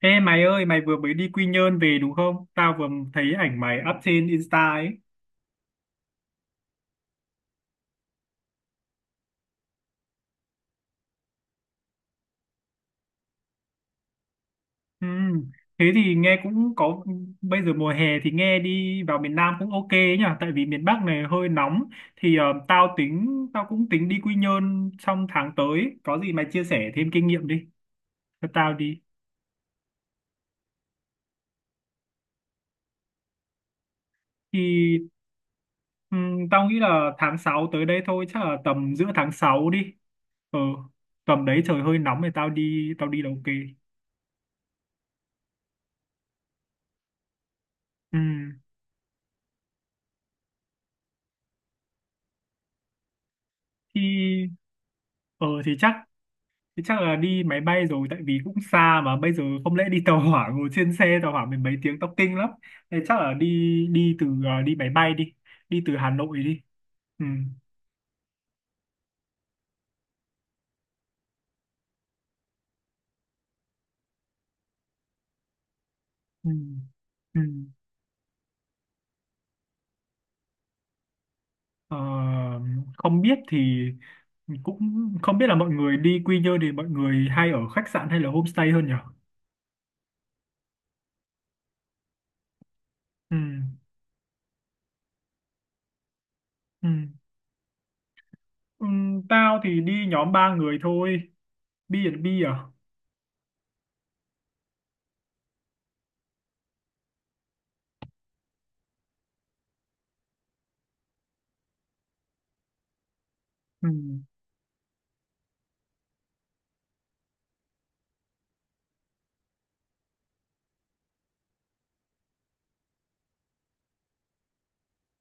Ê mày ơi, mày vừa mới đi Quy Nhơn về đúng không? Tao vừa thấy ảnh mày up trên Insta ấy. Ừm. Thế thì nghe cũng có, bây giờ mùa hè thì nghe đi vào miền Nam cũng ok ấy nhỉ? Tại vì miền Bắc này hơi nóng. Tao tính, tao cũng tính đi Quy Nhơn trong tháng tới. Có gì mày chia sẻ thêm kinh nghiệm đi, cho tao đi. Thì tao nghĩ là tháng 6 tới đây thôi, chắc là tầm giữa tháng 6 đi. Ừ, tầm đấy trời hơi nóng thì tao đi là ok. Ừ. Thì Ờ thì chắc là đi máy bay rồi, tại vì cũng xa mà bây giờ không lẽ đi tàu hỏa, ngồi trên xe tàu hỏa mình mấy tiếng tóc kinh lắm. Thế chắc là đi đi từ ờ, đi máy bay đi, đi từ Hà Nội đi. Ừ. Ừ. Ừ. Ờ, không biết thì cũng không biết là mọi người đi Quy Nhơn thì mọi người hay ở khách sạn hay là homestay hơn nhỉ? Ừ. Ừ. Ừ. Tao thì đi nhóm ba người thôi. Bi à? Bi à? Ừ.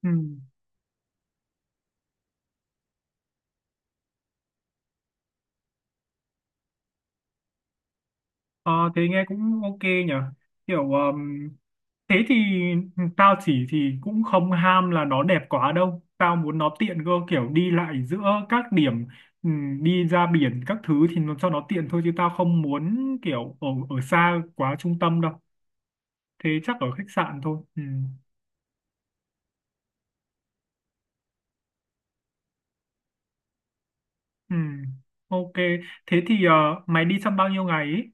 Ừ. Ờ, thế nghe cũng ok nhỉ, kiểu thế thì tao chỉ thì cũng không ham là nó đẹp quá đâu, tao muốn nó tiện cơ, kiểu đi lại giữa các điểm, đi ra biển các thứ thì nó cho nó tiện thôi, chứ tao không muốn kiểu ở ở xa quá trung tâm đâu, thế chắc ở khách sạn thôi. Ừm, ok, thế thì mày đi trong bao nhiêu ngày ý?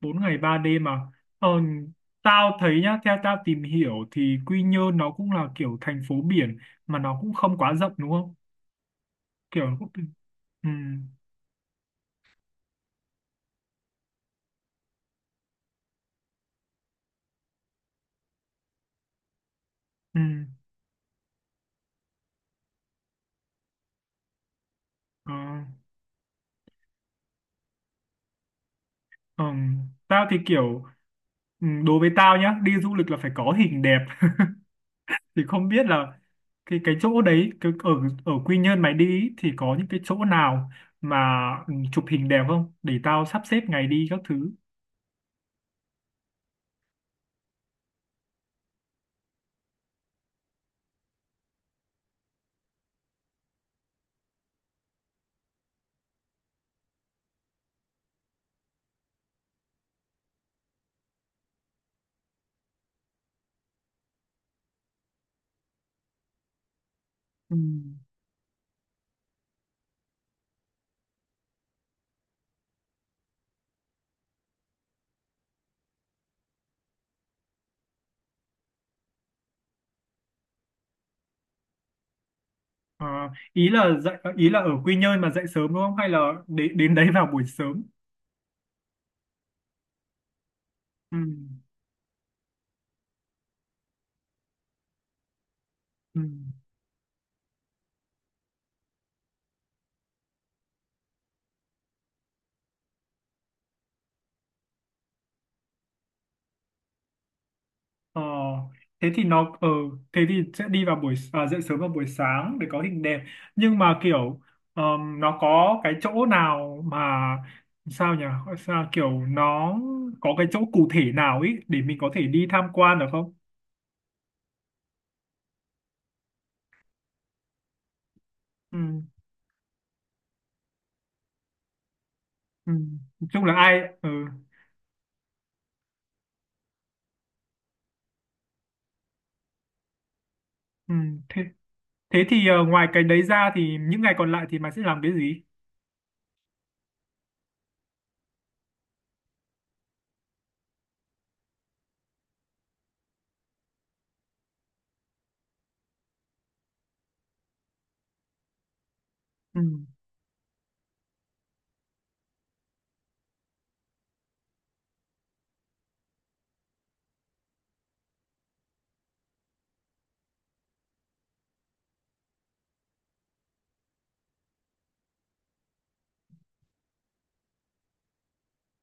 Bốn ngày ba đêm mà, ờ, tao thấy nhá, theo tao tìm hiểu thì Quy Nhơn nó cũng là kiểu thành phố biển mà nó cũng không quá rộng đúng không, kiểu cũng ừ, ừ, ờ, ờ. Tao thì kiểu ừ, đối với tao nhá, đi du lịch là phải có hình đẹp thì không biết là cái chỗ đấy ở ở Quy Nhơn mày đi ý, thì có những cái chỗ nào mà ừ, chụp hình đẹp không để tao sắp xếp ngày đi các thứ. Ừ. Ờ, ý là dạy ý là ở Quy Nhơn mà dậy sớm đúng không, hay là đến đến đấy vào buổi sớm. Ừ, ừ. Ờ, thế thì nó ờ thế thì sẽ đi vào buổi à, dậy sớm vào buổi sáng để có hình đẹp, nhưng mà kiểu nó có cái chỗ nào mà sao nhỉ, sao kiểu nó có cái chỗ cụ thể nào ấy để mình có thể đi tham quan được không. Ừ, ừ. Nói chung là ai ừ, ừ. Thế, thế thì ngoài cái đấy ra thì những ngày còn lại thì mày sẽ làm cái gì. Ừ.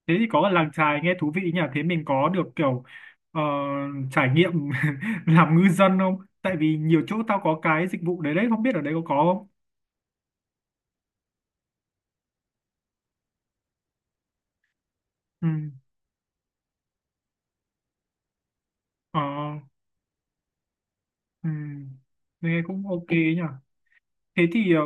Thế thì có làng chài nghe thú vị nhỉ, thế mình có được kiểu ờ, trải nghiệm làm ngư dân không, tại vì nhiều chỗ tao có cái dịch vụ đấy đấy, không biết ở đây có không. Ừ. Ờ, ừ. Nghe cũng ok nhỉ, thế thì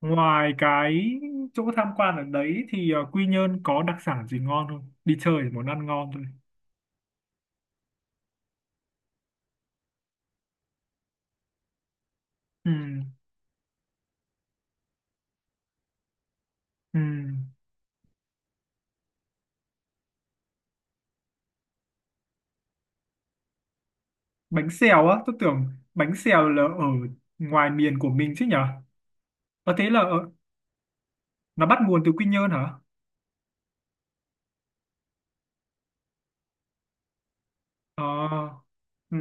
ngoài cái chỗ tham quan ở đấy thì Quy Nhơn có đặc sản gì ngon không, đi chơi thì muốn ăn ngon thôi. Ừ. Ừ. Bánh xèo á? Tôi tưởng bánh xèo là ở ngoài miền của mình chứ nhỉ, có thế là ở, nó bắt nguồn từ Quy Nhơn hả? Ờ, ừ.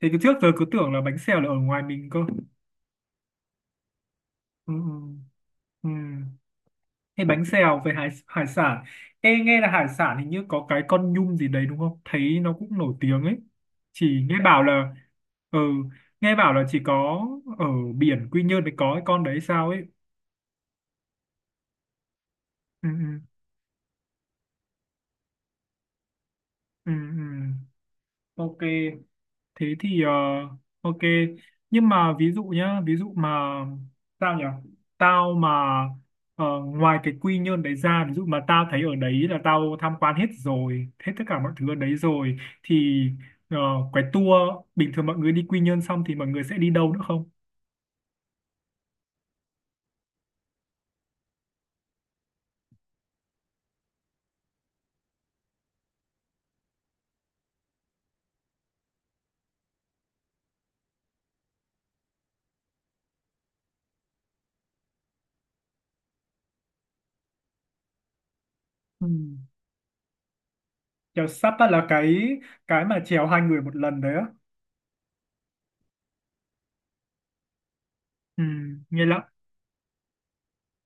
Thế cứ trước giờ cứ tưởng là bánh xèo là ở ngoài mình cơ. Ừ, ừ, ừ. Thế bánh xèo về hải sản. Ê, nghe là hải sản hình như có cái con nhum gì đấy đúng không? Thấy nó cũng nổi tiếng ấy. Chỉ nghe bảo là, ừ, nghe bảo là chỉ có ở biển Quy Nhơn mới có cái con đấy sao ấy. Ừ, ừ, ừ, ừ. Ok, thế thì ok nhưng mà ví dụ nhá, ví dụ mà sao nhỉ, tao mà ngoài cái Quy Nhơn đấy ra, ví dụ mà tao thấy ở đấy là tao tham quan hết rồi, hết tất cả mọi thứ ở đấy rồi thì ờ, cái tour bình thường mọi người đi Quy Nhơn xong thì mọi người sẽ đi đâu nữa không. Ừ. Chèo sắp á, là cái mà chèo hai người một lần đấy á. Ừ. Nghe lắm,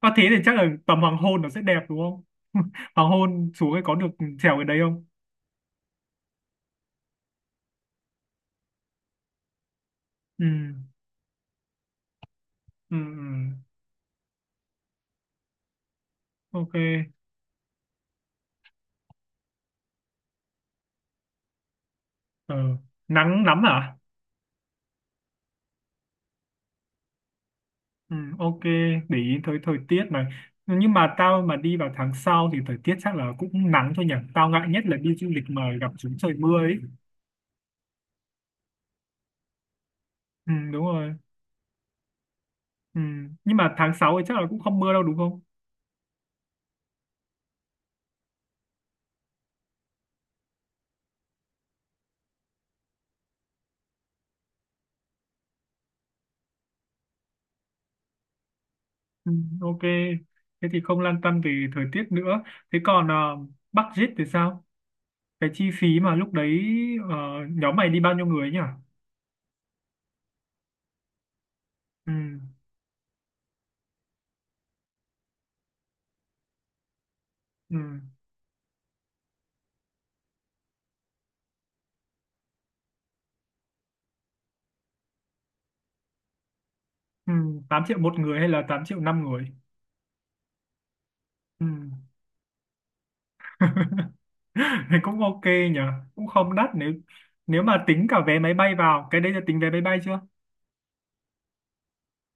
có thế thì chắc là tầm hoàng hôn nó sẽ đẹp đúng không hoàng hôn xuống ấy có được chèo cái đấy không. Ừ. Ừ, ừ, ok. ờ, nắng lắm à? Ừ, ok, để ý tới thời tiết này, nhưng mà tao mà đi vào tháng sau thì thời tiết chắc là cũng nắng thôi nhỉ, tao ngại nhất là đi du lịch mà gặp chúng trời mưa ấy. Ừ, đúng rồi. Ừ. Nhưng mà tháng 6 thì chắc là cũng không mưa đâu đúng không. Ừ, ok, thế thì không lăn tăn về thời tiết nữa, thế còn budget thì sao, cái chi phí mà lúc đấy ờ, nhóm mày đi bao nhiêu người nhỉ. Ừ, ừ, ừ, 8 triệu một người hay là 8 triệu năm người? Ừ. Thì cũng ok nhỉ, cũng không đắt, nếu nếu mà tính cả vé máy bay vào cái đấy, là tính vé máy bay chưa?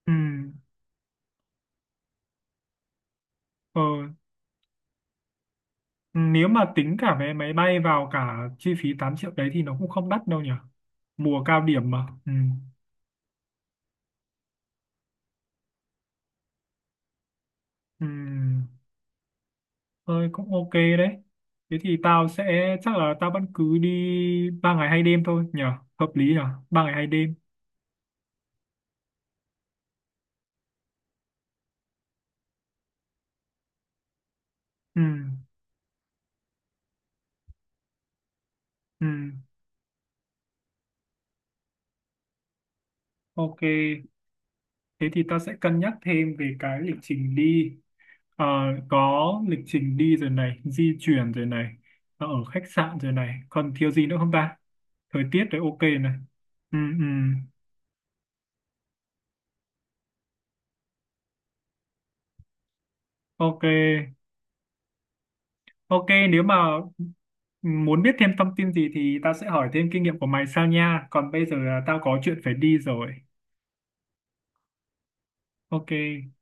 Ừ. ờ, Nếu mà tính cả vé máy bay vào cả chi phí 8 triệu đấy thì nó cũng không đắt đâu nhỉ, mùa cao điểm mà, ừ. Ừ. Thôi cũng ok đấy, thế thì tao sẽ chắc là tao vẫn cứ đi ba ngày hai đêm thôi nhỉ, hợp lý nhỉ, ba ngày hai đêm. Ừ. Ừ. Ok, thế thì ta sẽ cân nhắc thêm về cái lịch trình đi. Ờ, có lịch trình đi rồi này, di chuyển rồi này, ở khách sạn rồi này, còn thiếu gì nữa không ta, thời tiết rồi, ok này. Ừ, ừ. Ok, ok, nếu mà muốn biết thêm thông tin gì thì ta sẽ hỏi thêm kinh nghiệm của mày sau nha, còn bây giờ là tao có chuyện phải đi rồi. Ok.